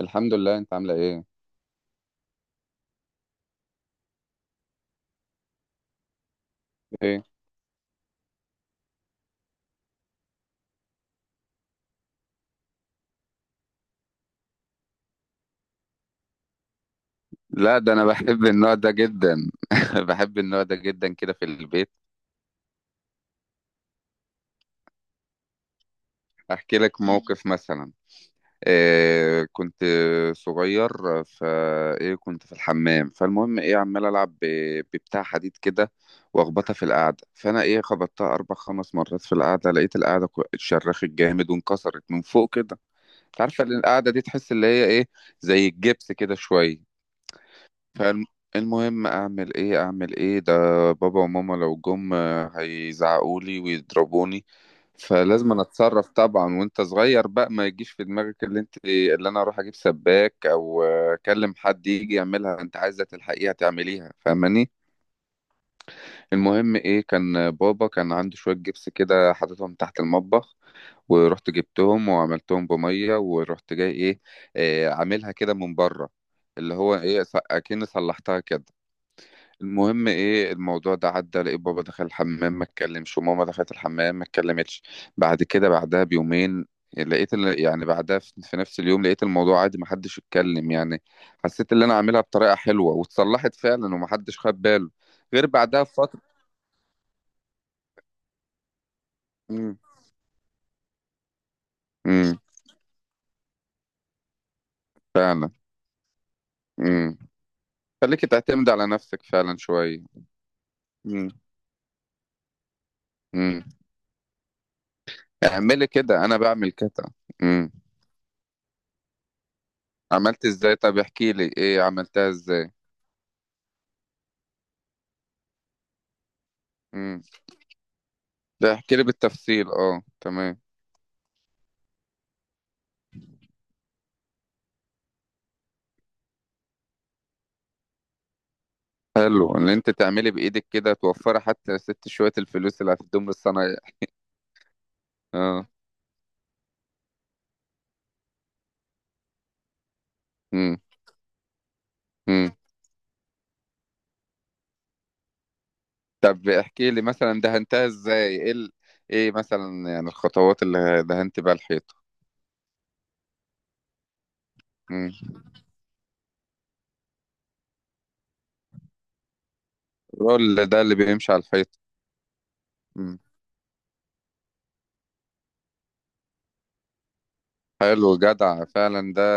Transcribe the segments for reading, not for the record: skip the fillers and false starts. الحمد لله. انت عامله ايه؟ لا، ده انا بحب النوع ده جدا. بحب النوع ده جدا كده في البيت. احكي لك موقف مثلا. إيه، كنت صغير، فايه كنت في الحمام، فالمهم ايه عمال العب ببتاع حديد كده واخبطها في القعده، فانا ايه خبطتها اربع خمس مرات في القعده، لقيت القعده اتشرخت جامد وانكسرت من فوق كده. انت عارفه ان القعده دي تحس اللي هي ايه، زي الجبس كده شويه. فالمهم اعمل ايه ده؟ بابا وماما لو جم هيزعقولي ويضربوني، فلازم انا اتصرف. طبعا وانت صغير بقى ما يجيش في دماغك اللي انت اللي انا اروح اجيب سباك او اكلم حد يجي يعملها، انت عايزه تلحقيها تعمليها، فاهماني. المهم ايه، كان بابا كان عنده شويه جبس كده حاططهم تحت المطبخ، ورحت جبتهم وعملتهم بميه ورحت جاي ايه، عاملها كده من بره، اللي هو ايه، اكني صلحتها كده. المهم ايه، الموضوع ده عدى، لقيت بابا دخل الحمام ما اتكلمش، وماما دخلت الحمام ما اتكلمتش. بعد كده، بعدها بيومين، لقيت يعني بعدها في نفس اليوم، لقيت الموضوع عادي ما حدش اتكلم يعني. حسيت اللي انا عاملها بطريقة حلوة واتصلحت فعلا وما حدش خد باله غير بعدها بفترة. امم. امم. فعلا. امم. خليك تعتمد على نفسك فعلا شوية. امم. امم. اعملي كده، انا بعمل كده. امم. عملت ازاي؟ طب احكي لي، ايه عملتها ازاي؟ مم. ده احكي لي بالتفصيل. اه تمام. حلو ان انت تعملي بايدك كده، توفري حتى ست شويه الفلوس اللي هتدوم للصنايعي. اه. امم. امم. طب احكي لي مثلا دهنتها ازاي، ايه ايه مثلا يعني الخطوات اللي دهنت بيها الحيطه؟ امم. الرول ده اللي بيمشي على الحيطه؟ امم. حلو جدع فعلا ده.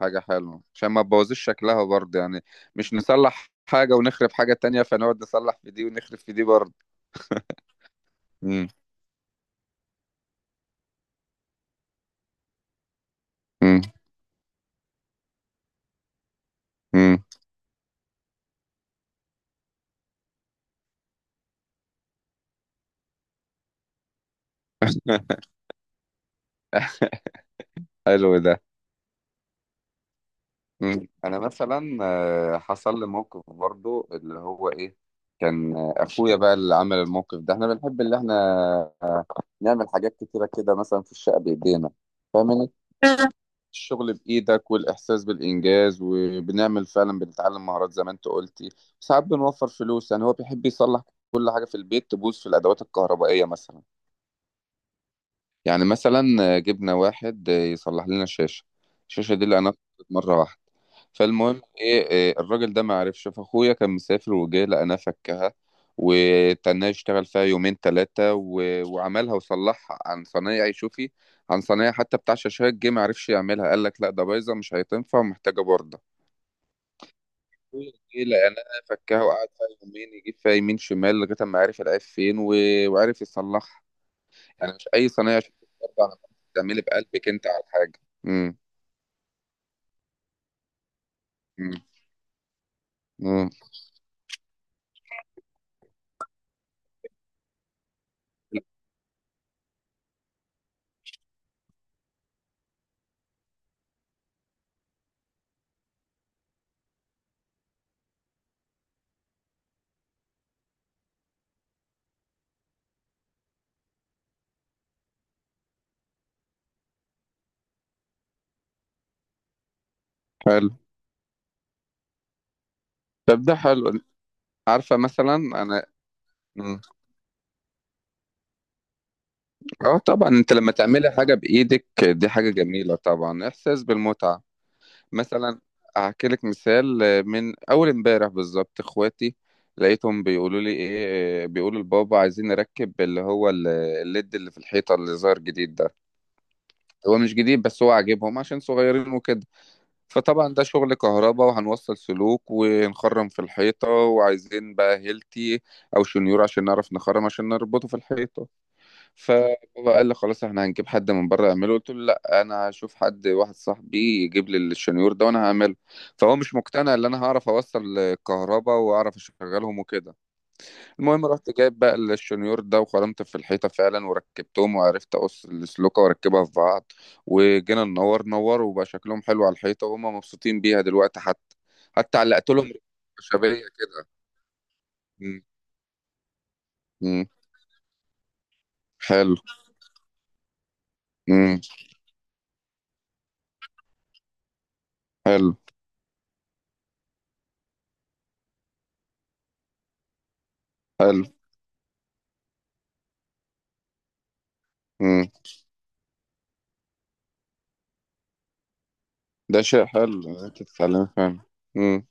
حاجه حلوه عشان ما تبوظيش شكلها برضه يعني. مش نصلح حاجه ونخرب حاجه تانية، فنقعد نصلح في دي ونخرب في دي برضه. امم. امم. امم. حلو ده. مم. انا مثلا حصل لي موقف برضو، اللي هو ايه، كان اخويا بقى اللي عمل الموقف ده. احنا بنحب اللي احنا نعمل حاجات كتيره كده مثلا في الشقه بايدينا، فاهمني. الشغل بايدك والاحساس بالانجاز، وبنعمل فعلا، بنتعلم مهارات زي ما انت قلتي. ساعات بنوفر فلوس، يعني هو بيحب يصلح كل حاجه في البيت تبوظ في الادوات الكهربائيه مثلا. يعني مثلا جبنا واحد يصلح لنا الشاشة، الشاشة دي اللي أنا مرة واحدة، فالمهم إيه إيه، الراجل ده ما عرفش، فأخويا كان مسافر وجه لقناها فكها وتناه يشتغل فيها يومين تلاتة وعملها وصلحها عن صنايعي، شوفي، عن صنايعي، حتى بتاع شاشات جه ما عرفش يعملها، قال لك لا ده بايظة مش هتنفع ومحتاجة بوردة. أخويا جه لقناها فكها وقعد فيها يومين يجيب فيها يمين شمال لغاية ما عرف العيب فين وعرف يصلحها. انا مش اي صينيه عشان برضه انا بتعملي بقلبك انت على الحاجه. امم. امم. امم. حلو. طب ده حلو. عارفه مثلا انا. مم. اه طبعا، انت لما تعملي حاجه بايدك دي حاجه جميله، طبعا احساس بالمتعه. مثلا احكي لك مثال، من اول امبارح بالظبط اخواتي لقيتهم بيقولوا لي ايه، بيقولوا لبابا عايزين نركب اللي هو الليد اللي في الحيطه اللي ظهر جديد ده. هو مش جديد بس هو عاجبهم عشان صغيرين وكده. فطبعا ده شغل كهرباء، وهنوصل سلوك ونخرم في الحيطة، وعايزين بقى هيلتي أو شنيور عشان نعرف نخرم عشان نربطه في الحيطة. فبابا قال لي خلاص احنا هنجيب حد من بره يعمله، قلت له لا، أنا هشوف حد واحد صاحبي يجيب لي الشنيور ده وأنا هعمله. فهو مش مقتنع إن أنا هعرف أوصل كهرباء وأعرف أشغلهم وكده. المهم رحت جايب بقى الشنيور ده وخرمت في الحيطة فعلا وركبتهم، وعرفت أقص السلوكة وأركبها في بعض، وجينا ننور نور وبقى شكلهم حلو على الحيطة، وهم مبسوطين بيها دلوقتي حتى، حتى علقت لهم شبابية كده. مم. مم. حلو. مم. حلو. حلو. مم. ده شيء حلو إن أنت تتعلمي فعلا. مم.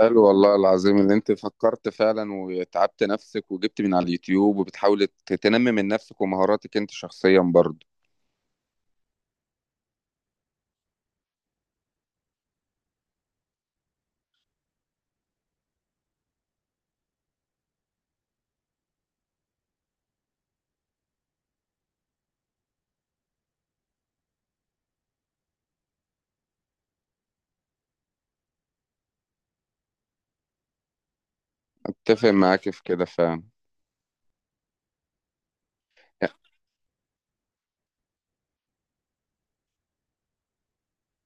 حلو والله العظيم، اللي أنت فكرت فعلا وتعبت نفسك وجبت من على اليوتيوب، وبتحاولي تنمي من نفسك ومهاراتك أنت شخصيا برضه. أتفق معاك في كده فعلا.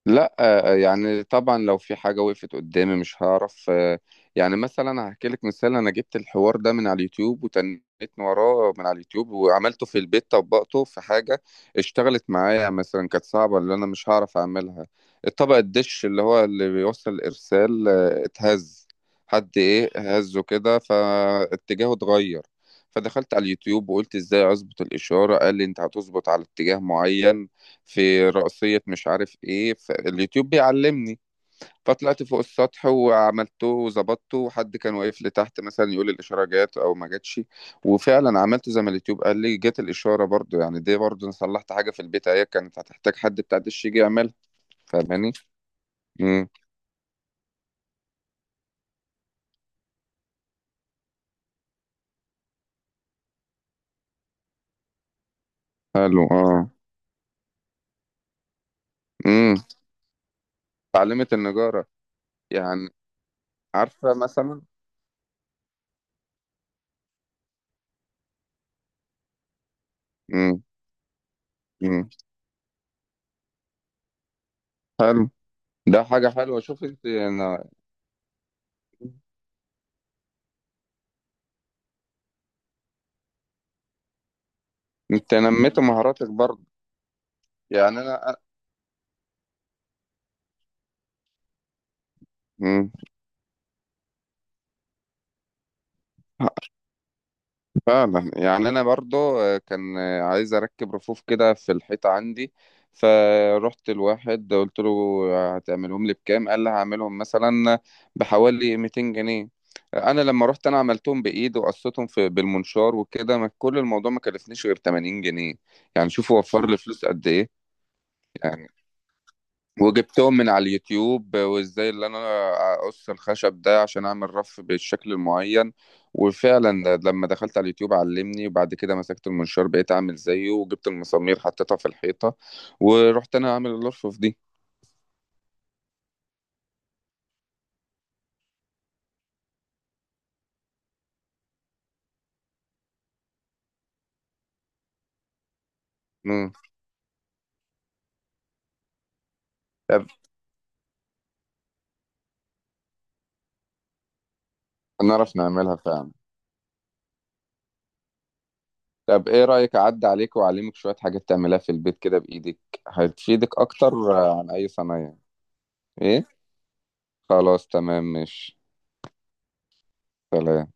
لا يعني طبعا لو في حاجة وقفت قدامي مش هعرف يعني مثلا هحكي لك مثال، أنا جبت الحوار ده من على اليوتيوب وتنيت وراه من على اليوتيوب، وعملته في البيت، طبقته في حاجة اشتغلت معايا، مثلا كانت صعبة اللي أنا مش هعرف أعملها. الطبق الدش اللي هو اللي بيوصل الإرسال اتهز، حد إيه هزه كده فاتجاهه اتغير، فدخلت على اليوتيوب وقلت ازاي اظبط الاشاره، قال لي انت هتظبط على اتجاه معين في رأسية مش عارف ايه، فاليوتيوب بيعلمني، فطلعت فوق السطح وعملته وظبطته، وحد كان واقف لي تحت مثلا يقول لي الإشارة جات أو ما جاتش، وفعلا عملت زي ما اليوتيوب قال لي، جات الإشارة برضو. يعني دي برضو أنا صلحت حاجة في البيت أهي كانت هتحتاج حد بتاع دش يجي يعملها، فاهماني؟ امم. حلو. اه. امم. اتعلمت النجارة يعني. عارفة مثلا. امم. امم. حلو. ده حاجة حلوة، شوف انت انا، انت نميت مهاراتك برضه، يعني انا. امم. فعلا. يعني انا برضو كان عايز اركب رفوف كده في الحيطه عندي، فروحت الواحد قلت له هتعملهم لي بكام؟ قال لي هعملهم مثلا بحوالي 200 جنيه. انا لما رحت انا عملتهم بايد وقصتهم في بالمنشار وكده، كل الموضوع ما كلفنيش غير 80 جنيه. يعني شوف وفر لي فلوس قد ايه. يعني وجبتهم من على اليوتيوب وازاي اللي انا اقص الخشب ده عشان اعمل رف بالشكل المعين، وفعلا لما دخلت على اليوتيوب علمني، وبعد كده مسكت المنشار بقيت اعمل زيه، وجبت المسامير حطيتها في الحيطة ورحت انا اعمل الرف دي. مم. طب نعرف نعملها فعلا. طب ايه رأيك اعدي عليك واعلمك شوية حاجات تعملها في البيت كده بايدك، هتفيدك اكتر عن اي صنايع. ايه. خلاص، تمام، ماشي. سلام.